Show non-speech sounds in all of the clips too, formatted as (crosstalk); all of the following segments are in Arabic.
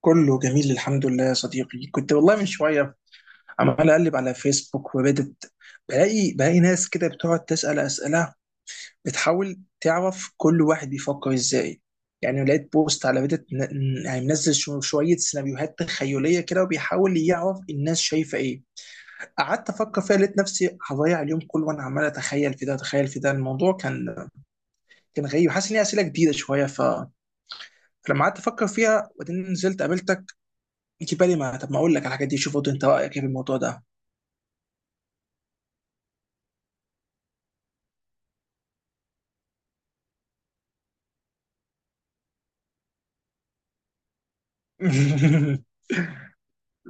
كله جميل الحمد لله يا صديقي. كنت والله من شوية عمال أقلب على فيسبوك، وبدت بلاقي ناس كده بتقعد تسأل أسئلة، بتحاول تعرف كل واحد بيفكر إزاي. يعني لقيت بوست على بدت يعني منزل شوية سيناريوهات تخيلية كده وبيحاول يعرف الناس شايفة إيه. قعدت أفكر فيها لقيت نفسي هضيع اليوم كله وأنا عمال أتخيل في ده أتخيل في ده. الموضوع كان غريب، حاسس إن هي أسئلة جديدة شوية فلما قعدت أفكر فيها وبعدين نزلت قابلتك يجي بالي، ما طب ما اقول لك على الحاجات دي، شوف برضه انت رايك ايه في الموضوع ده. (laughs)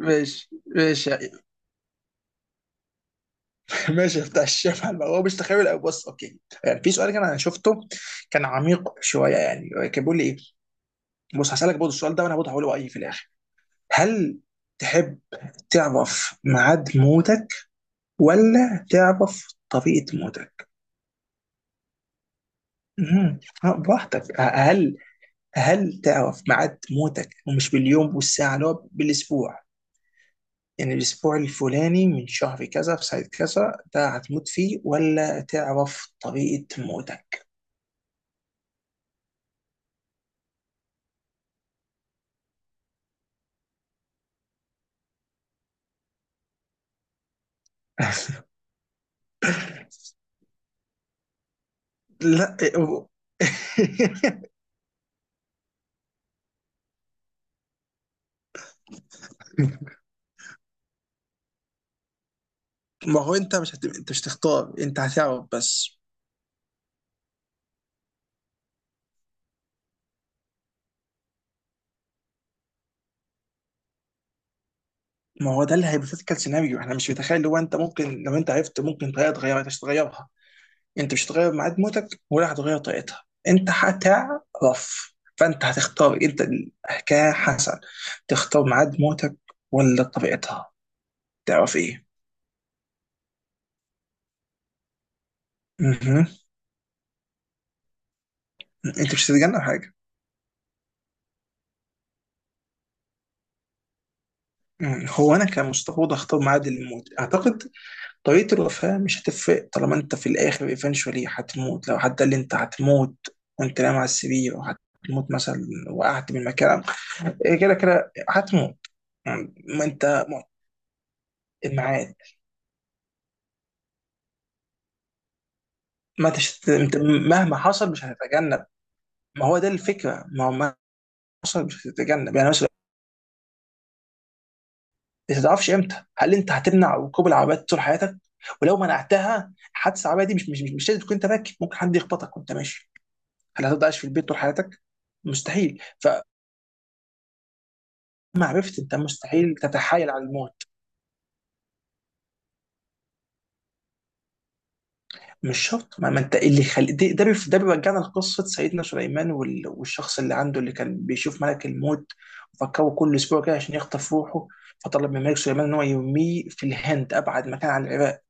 ماشي ماشي ماشي. بتاع الشمع هو مش تخيل أوي. بص اوكي، يعني في سؤال كان انا شفته كان عميق شويه، يعني كان بيقول لي ايه. بص هسالك برضه السؤال ده وانا برضه هقوله رايي في الاخر. هل تحب تعرف ميعاد موتك ولا تعرف طريقه موتك؟ مم. آه، براحتك. هل تعرف ميعاد موتك ومش باليوم والساعه، اللي هو بالاسبوع، يعني الأسبوع الفلاني من شهر كذا في ساعة كذا ده هتموت فيه، ولا تعرف طريقة موتك؟ (laughs) لا (laughs) ما هو انت مش هت... انت مش تختار، انت هتعرف بس. ما هو ده اللي هيبوثيتيكال سيناريو احنا مش متخيل، لو انت عرفت ممكن طريقه تغيرها، انت مش هتغيرها. انت مش هتغير ميعاد موتك ولا هتغير طريقتها، انت هتعرف فانت هتختار. انت الحكايه حسن، تختار ميعاد موتك ولا طريقتها؟ تعرف ايه. مهم. انت مش هتتجنب حاجه. مم. هو انا كمصطفى وضع اختار ميعاد الموت اعتقد. طريقه الوفاه مش هتفرق، طالما انت في الاخر ايفينشولي هتموت. لو حتى اللي انت هتموت وانت نايم على السرير، وهتموت مثلا وقعت من مكان، إيه كده كده هتموت. مم. ما انت الميعاد. ما تشت... انت مهما حصل مش هتتجنب. ما هو ده الفكره، ما هو مهما حصل مش هتتجنب يعني. انت ما تعرفش امتى، هل انت هتمنع ركوب العربيات طول حياتك؟ ولو منعتها حادثه عربيه دي مش لازم تكون انت راكب، ممكن حد يخبطك وانت ماشي. هل هتفضل عايش في البيت طول حياتك؟ مستحيل فما عرفت، انت مستحيل تتحايل على الموت. مش شرط ما انت اللي ده ده بيرجعنا لقصه سيدنا سليمان والشخص اللي عنده، اللي كان بيشوف ملك الموت وفكره كل اسبوع كده عشان يخطف روحه. فطلب من ملك سليمان ان هو يرميه في الهند، ابعد مكان عن العراق.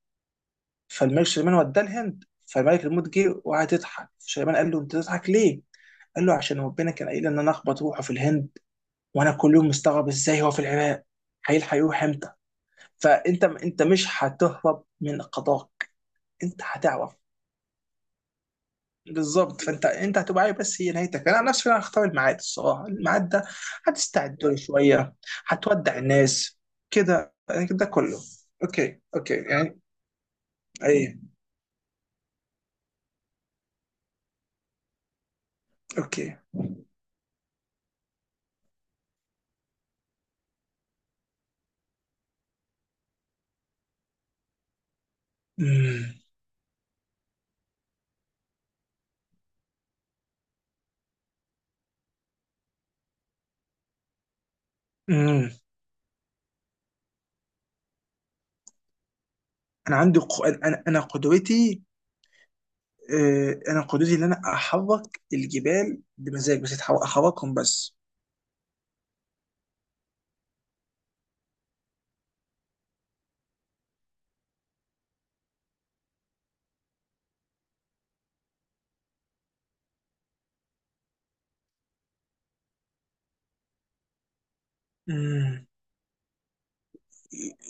فالملك سليمان وداه الهند، فملك الموت جه وقعد يضحك. سليمان قال له انت تضحك ليه؟ قال له عشان ربنا كان قايل ان انا اخبط روحه في الهند، وانا كل يوم مستغرب ازاي هو في العراق، هيلحق يروح امتى؟ فانت مش هتهرب من قضاك. انت هتعرف. بالظبط، فانت هتبقى عارف بس هي نهايتك. انا عن نفسي انا هختار الميعاد الصراحه، الميعاد ده هتستعد له شويه، هتودع الناس كده يعني ده كله. اوكي اوكي يعني. ايه. اوكي. امم. انا عندي انا قدوتي. آه، انا قدوتي ان انا احرك الجبال بمزاج بس. احركهم بس. مم.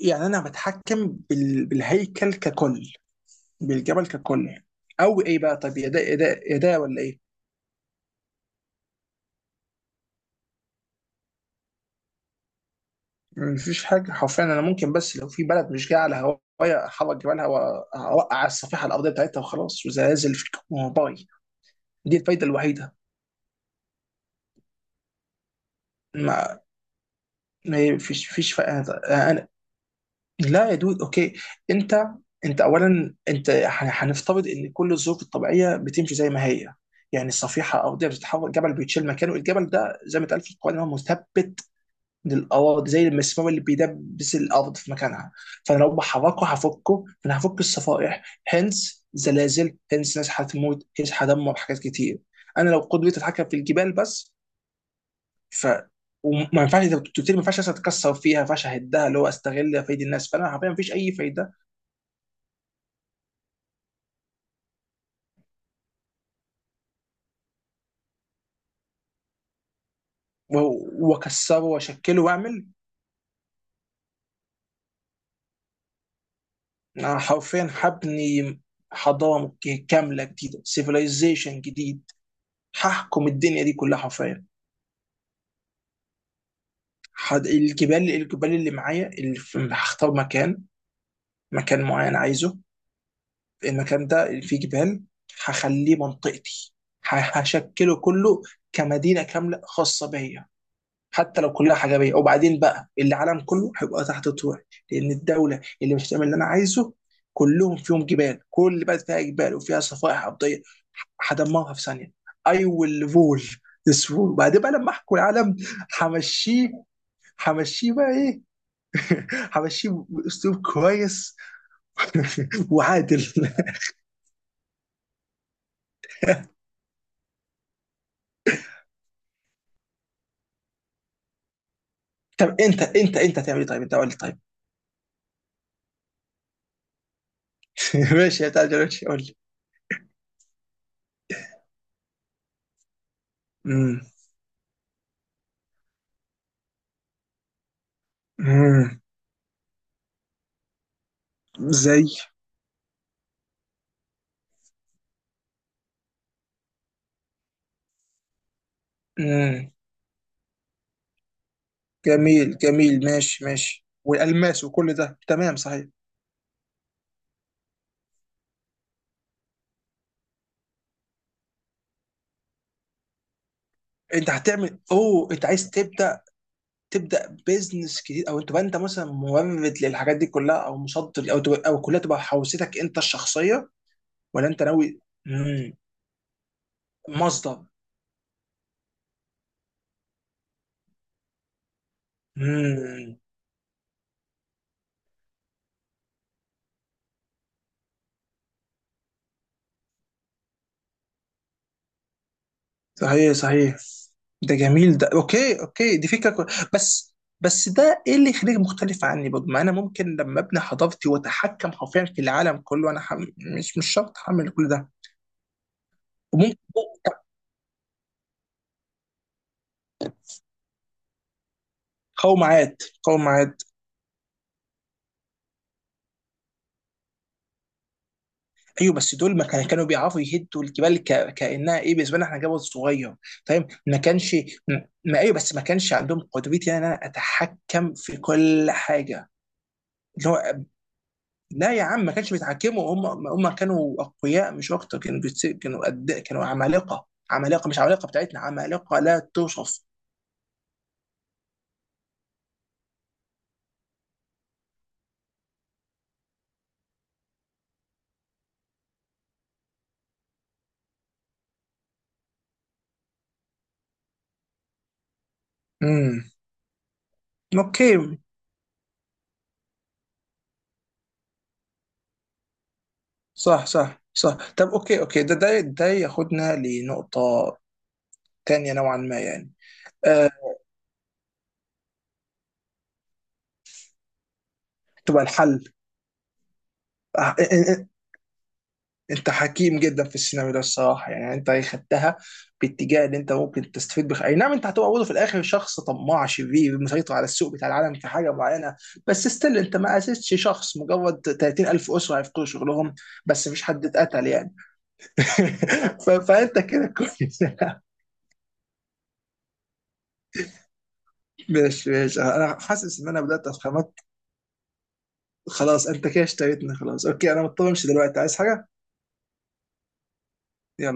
يعني انا بتحكم بالهيكل ككل، بالجبل ككل. او ايه بقى، طب يا ده يا ده يا ده ولا ايه؟ مفيش حاجه حرفيا، انا ممكن بس لو في بلد مش جايه على هوايا احرك جبالها واوقع على الصفيحه الارضيه بتاعتها وخلاص، وزلازل في. باي. دي الفايده الوحيده. ما ما فيش لا يا دود اوكي. انت انت اولا انت هنفترض ان كل الظروف الطبيعيه بتمشي زي ما هي. يعني الصفيحه ارضيه بتتحرك، جبل بيتشيل مكانه، الجبل ده زي ما اتقال في القران إن هو مثبت للاراضي زي المسمار اللي بيدبس الارض في مكانها. فانا لو بحركه هفكه، فانا هفك الصفائح هنس زلازل، هنس ناس هتموت، هنس هدمر حاجات كتير. انا لو قدرتي اتحكم في الجبال بس ف وما ينفعش، انت بتقول لي ما ينفعش أصلاً اتكسر فيها، ما ينفعش اهدها اللي هو استغل فايد الناس، فانا حرفيا ما فيش اي فايده. واكسره واشكله واعمل. انا حرفيا هبني حضاره كامله جديده، سيفيلايزيشن جديد، هحكم الدنيا دي كلها حرفيا. الجبال اللي معايا اللي هختار مكان، مكان معين عايزه، المكان ده اللي فيه جبال هخليه منطقتي. هشكله كله كمدينه كامله خاصه بيا، حتى لو كلها حجابيه. وبعدين بقى العالم كله هيبقى تحت طوعي، لان الدوله اللي مش هتعمل اللي انا عايزه كلهم فيهم جبال، كل بلد فيها جبال وفيها صفائح ارضيه، هدمرها في ثانيه. اي ويل رول ذس رول. وبعدين بقى لما احكوا العالم همشيه، همشيه بقى ايه. (laughs) (applause) همشيه باسلوب كويس. (laughs) (applause) وعادل. (applause) طب انت انت هتعمل ايه طيب؟ انت قول لي طيب. (laughs) ماشي، يا تعالى قول لي. أمم. أمم. زي. أمم. جميل جميل ماشي ماشي والالماس وكل ده تمام صحيح. انت هتعمل اوه، انت عايز تبدا بيزنس جديد، او تبقى انت مثلا مورد للحاجات دي كلها، او مصدر، او تبقى او كلها تبقى حوزتك انت الشخصيه، ولا انت ناوي؟ مم. مصدر. مم. صحيح صحيح. ده جميل، ده اوكي اوكي، دي فكره بس ده ايه اللي يخليك مختلف عني برضه؟ ما انا ممكن لما ابني حضارتي واتحكم حرفيا في العالم كله انا مش شرط هعمل كل ده وممكن. قومعات قومعات. ايوه بس دول ما كان- كانوا بيعرفوا يهدوا الجبال كانها ايه بالنسبه لنا احنا جبل صغير. فاهم ما كانش. ما ايوه بس ما كانش عندهم قدرتي، يعني ان انا اتحكم في كل حاجه. اللي هو لا يا عم ما كانش بيتحكموا. هم كانوا اقوياء مش اكتر، كانوا كانوا كانوا عمالقه عمالقه، مش عمالقه بتاعتنا، عمالقه لا توصف. امم. اوكي. صح صح صح. طب اوكي اوكي ده ده ياخدنا لنقطه تانية نوعا ما يعني. آه، تبقى الحل. آه، انت حكيم جدا في السيناريو ده الصراحه، يعني انت خدتها باتجاه اللي انت ممكن تستفيد اي نعم انت هتبقى برضه في الاخر شخص طماع شرير مسيطر على السوق بتاع العالم في حاجه معينه. بس ستيل انت ما اسستش شخص، مجرد 30,000 اسره هيفقدوا شغلهم، بس مفيش حد اتقتل يعني. (laughs) فانت كده كويس. (laughs) ماشي ماشي انا حاسس ان انا بدات اتخمت. خلاص انت كده اشتريتني خلاص. اوكي انا مضطر امشي دلوقتي، عايز حاجه؟ يلا